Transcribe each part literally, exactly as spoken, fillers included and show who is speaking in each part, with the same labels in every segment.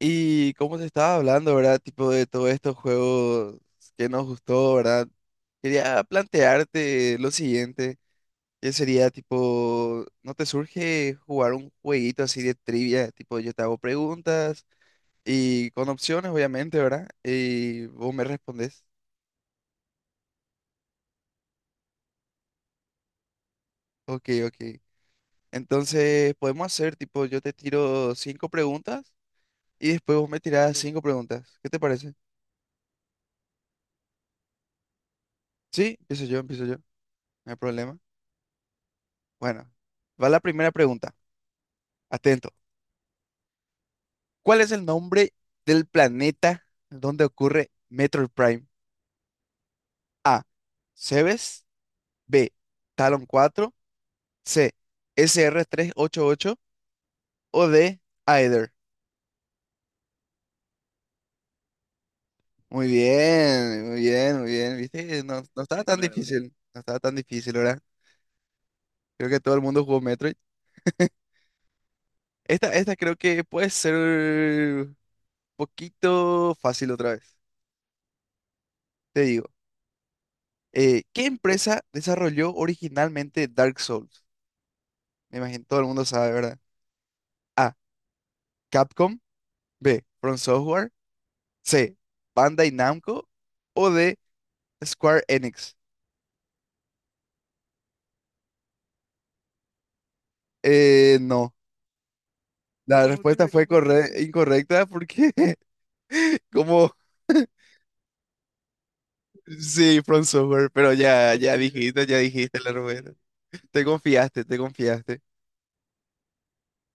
Speaker 1: Y como te estaba hablando, ¿verdad? Tipo, de todos estos juegos que nos gustó, ¿verdad? Quería plantearte lo siguiente, que sería tipo, ¿no te surge jugar un jueguito así de trivia? Tipo, yo te hago preguntas y con opciones, obviamente, ¿verdad? Y vos me respondes. Ok, ok. Entonces, podemos hacer tipo, yo te tiro cinco preguntas y después vos me tirás cinco preguntas. ¿Qué te parece? Sí, empiezo yo, empiezo yo. No hay problema. Bueno, va la primera pregunta. Atento. ¿Cuál es el nombre del planeta donde ocurre Metroid Prime? A. Cebes. B. Talon cuatro. C. S R tres ocho ocho. O D. Aether. Muy bien, muy bien, muy bien. ¿Viste? No, no estaba tan, hombre, difícil. No estaba tan difícil, ¿verdad? Creo que todo el mundo jugó Metroid. Esta, esta creo que puede ser un poquito fácil otra vez. Te digo. Eh, ¿qué empresa desarrolló originalmente Dark Souls? Me imagino todo el mundo sabe, ¿verdad? A. Capcom. B. From Software. C. Bandai Namco. O D. Square Enix. Eh, no. La respuesta fue corre- incorrecta porque como sí, From Software, pero ya, ya dijiste, ya dijiste la respuesta. Te confiaste, te confiaste.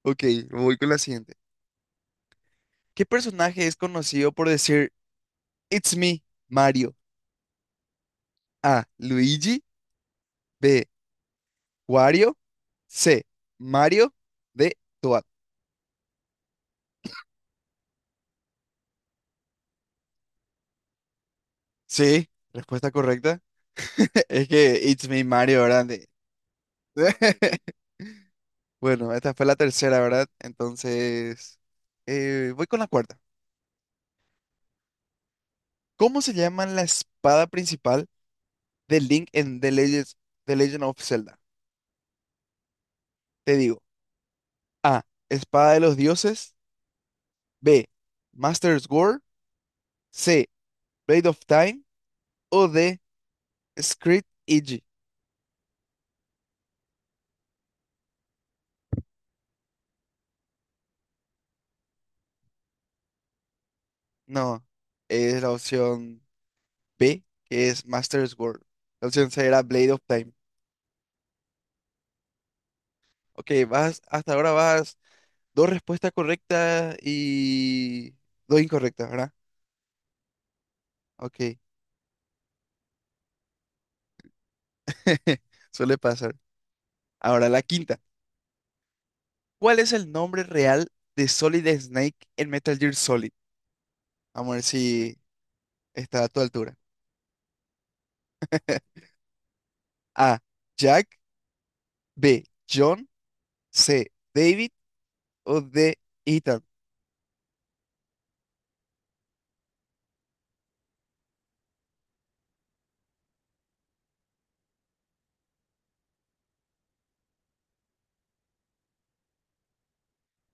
Speaker 1: Ok, voy con la siguiente. ¿Qué personaje es conocido por decir It's me, Mario? A. Luigi. B. Wario. C. Mario. D. Toad. Sí, respuesta correcta. Es que It's Me Mario, ¿verdad? De- Bueno, esta fue la tercera, ¿verdad? Entonces, eh, voy con la cuarta. ¿Cómo se llama la espada principal de Link en The Legends- The Legend of Zelda? Te digo, A, Espada de los Dioses, B, Master Sword, C, Blade of Time o D, Script Eiji. No, es la opción B, que es Master Sword. La opción C era Blade of Time. Ok, vas, hasta ahora vas dos respuestas correctas y dos incorrectas, ¿verdad? Ok, suele pasar. Ahora, la quinta. ¿Cuál es el nombre real de Solid Snake en Metal Gear Solid? Vamos a ver si está a tu altura. A. Jack. B. John. C. David. O D. Ethan.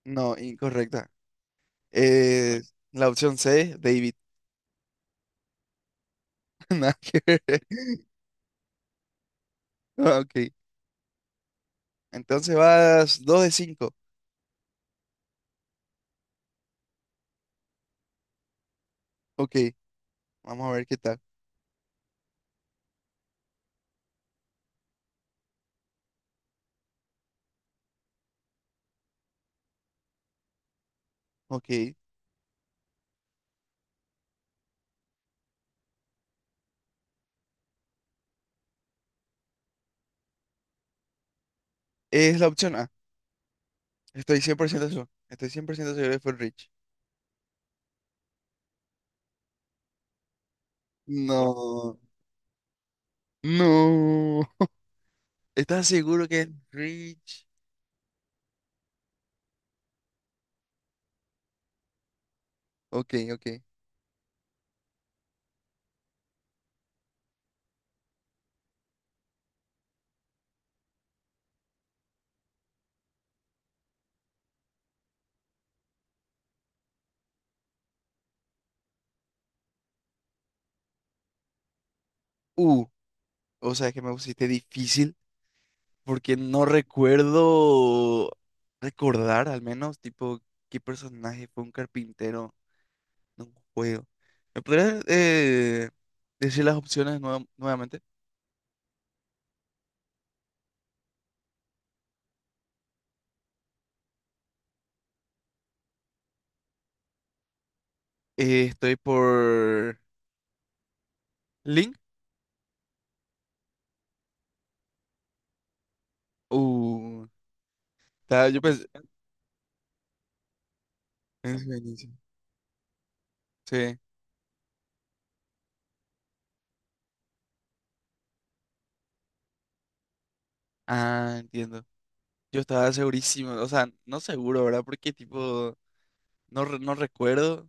Speaker 1: No, incorrecta. Eh, la opción C, David. Nada que ver. Ok, entonces vas dos de cinco. Ok, vamos a ver qué tal. Ok, es la opción A. Estoy cien por ciento seguro. Estoy cien por ciento seguro que fue Rich. No. No. ¿Estás seguro que es Rich? Ok, ok. Uh, o sea, es que me pusiste difícil porque no recuerdo recordar al menos, tipo, qué personaje fue un carpintero en un juego. ¿Me podrías eh, decir las opciones nueva- nuevamente? Eh, estoy por Link. Uh, está- yo pensé... es buenísimo. Sí. Ah, entiendo. Yo estaba segurísimo, o sea, no seguro, ¿verdad? Porque tipo, no, re- no recuerdo,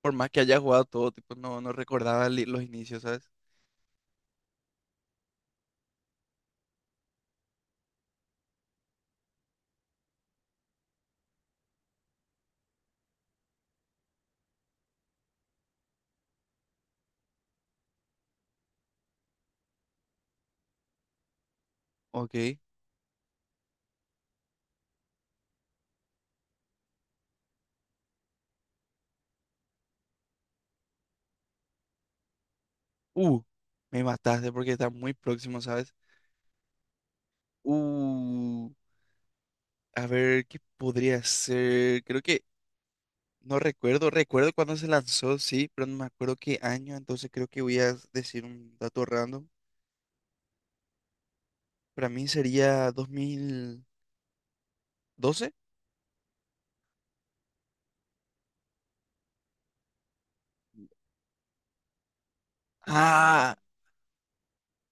Speaker 1: por más que haya jugado todo, tipo, no, no recordaba li- los inicios, ¿sabes? Ok. Uh, me mataste porque está muy próximo, ¿sabes? Uh, a ver, ¿qué podría ser? Creo que, no recuerdo, recuerdo cuando se lanzó, sí, pero no me acuerdo qué año, entonces creo que voy a decir un dato random. Para mí sería dos mil doce. Ah,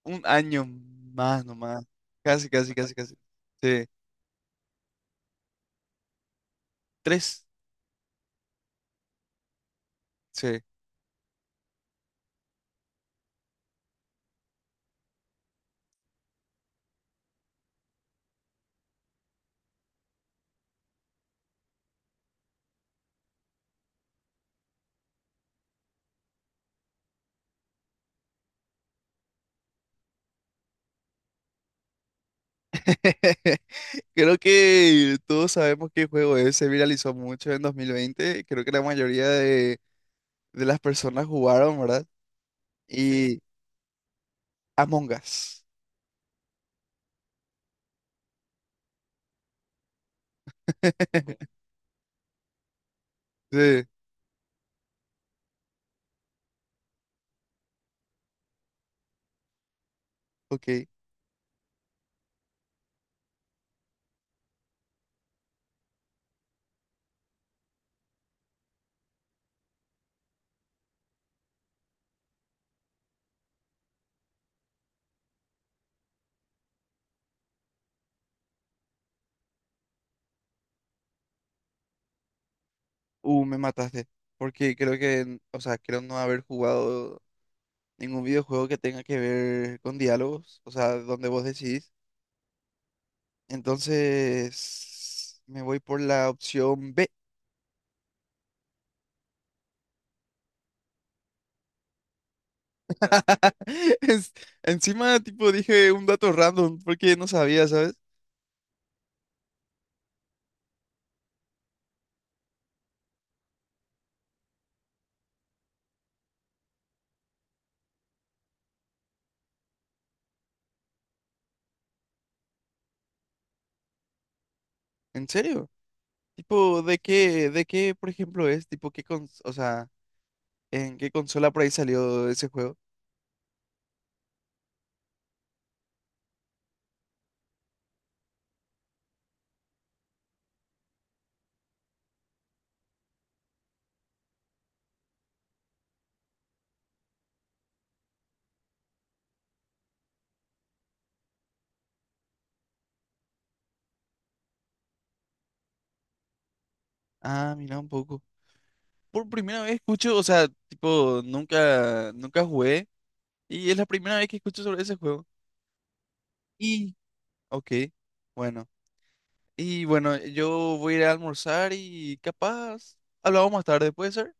Speaker 1: un año más nomás. Casi, casi, casi, casi. Sí. Tres. Sí. Creo que todos sabemos qué juego es, se viralizó mucho en dos mil veinte. Creo que la mayoría de, de las personas jugaron, ¿verdad? Sí. Y Among Us. Sí, ok. Uh, me mataste. Porque creo que, n- o sea, creo no haber jugado ningún videojuego que tenga que ver con diálogos, o sea, donde vos decidís. Entonces, me voy por la opción B. Es- encima, tipo, dije un dato random porque no sabía, ¿sabes? ¿En serio? Tipo, ¿de qué, de qué, por ejemplo, es? Tipo, ¿qué con, o sea, en qué consola por ahí salió ese juego? Ah, mira un poco. Por primera vez escucho, o sea, tipo, nunca, nunca jugué y es la primera vez que escucho sobre ese juego. Y, ok, bueno. Y bueno, yo voy a ir a almorzar y capaz hablamos más tarde, ¿puede ser?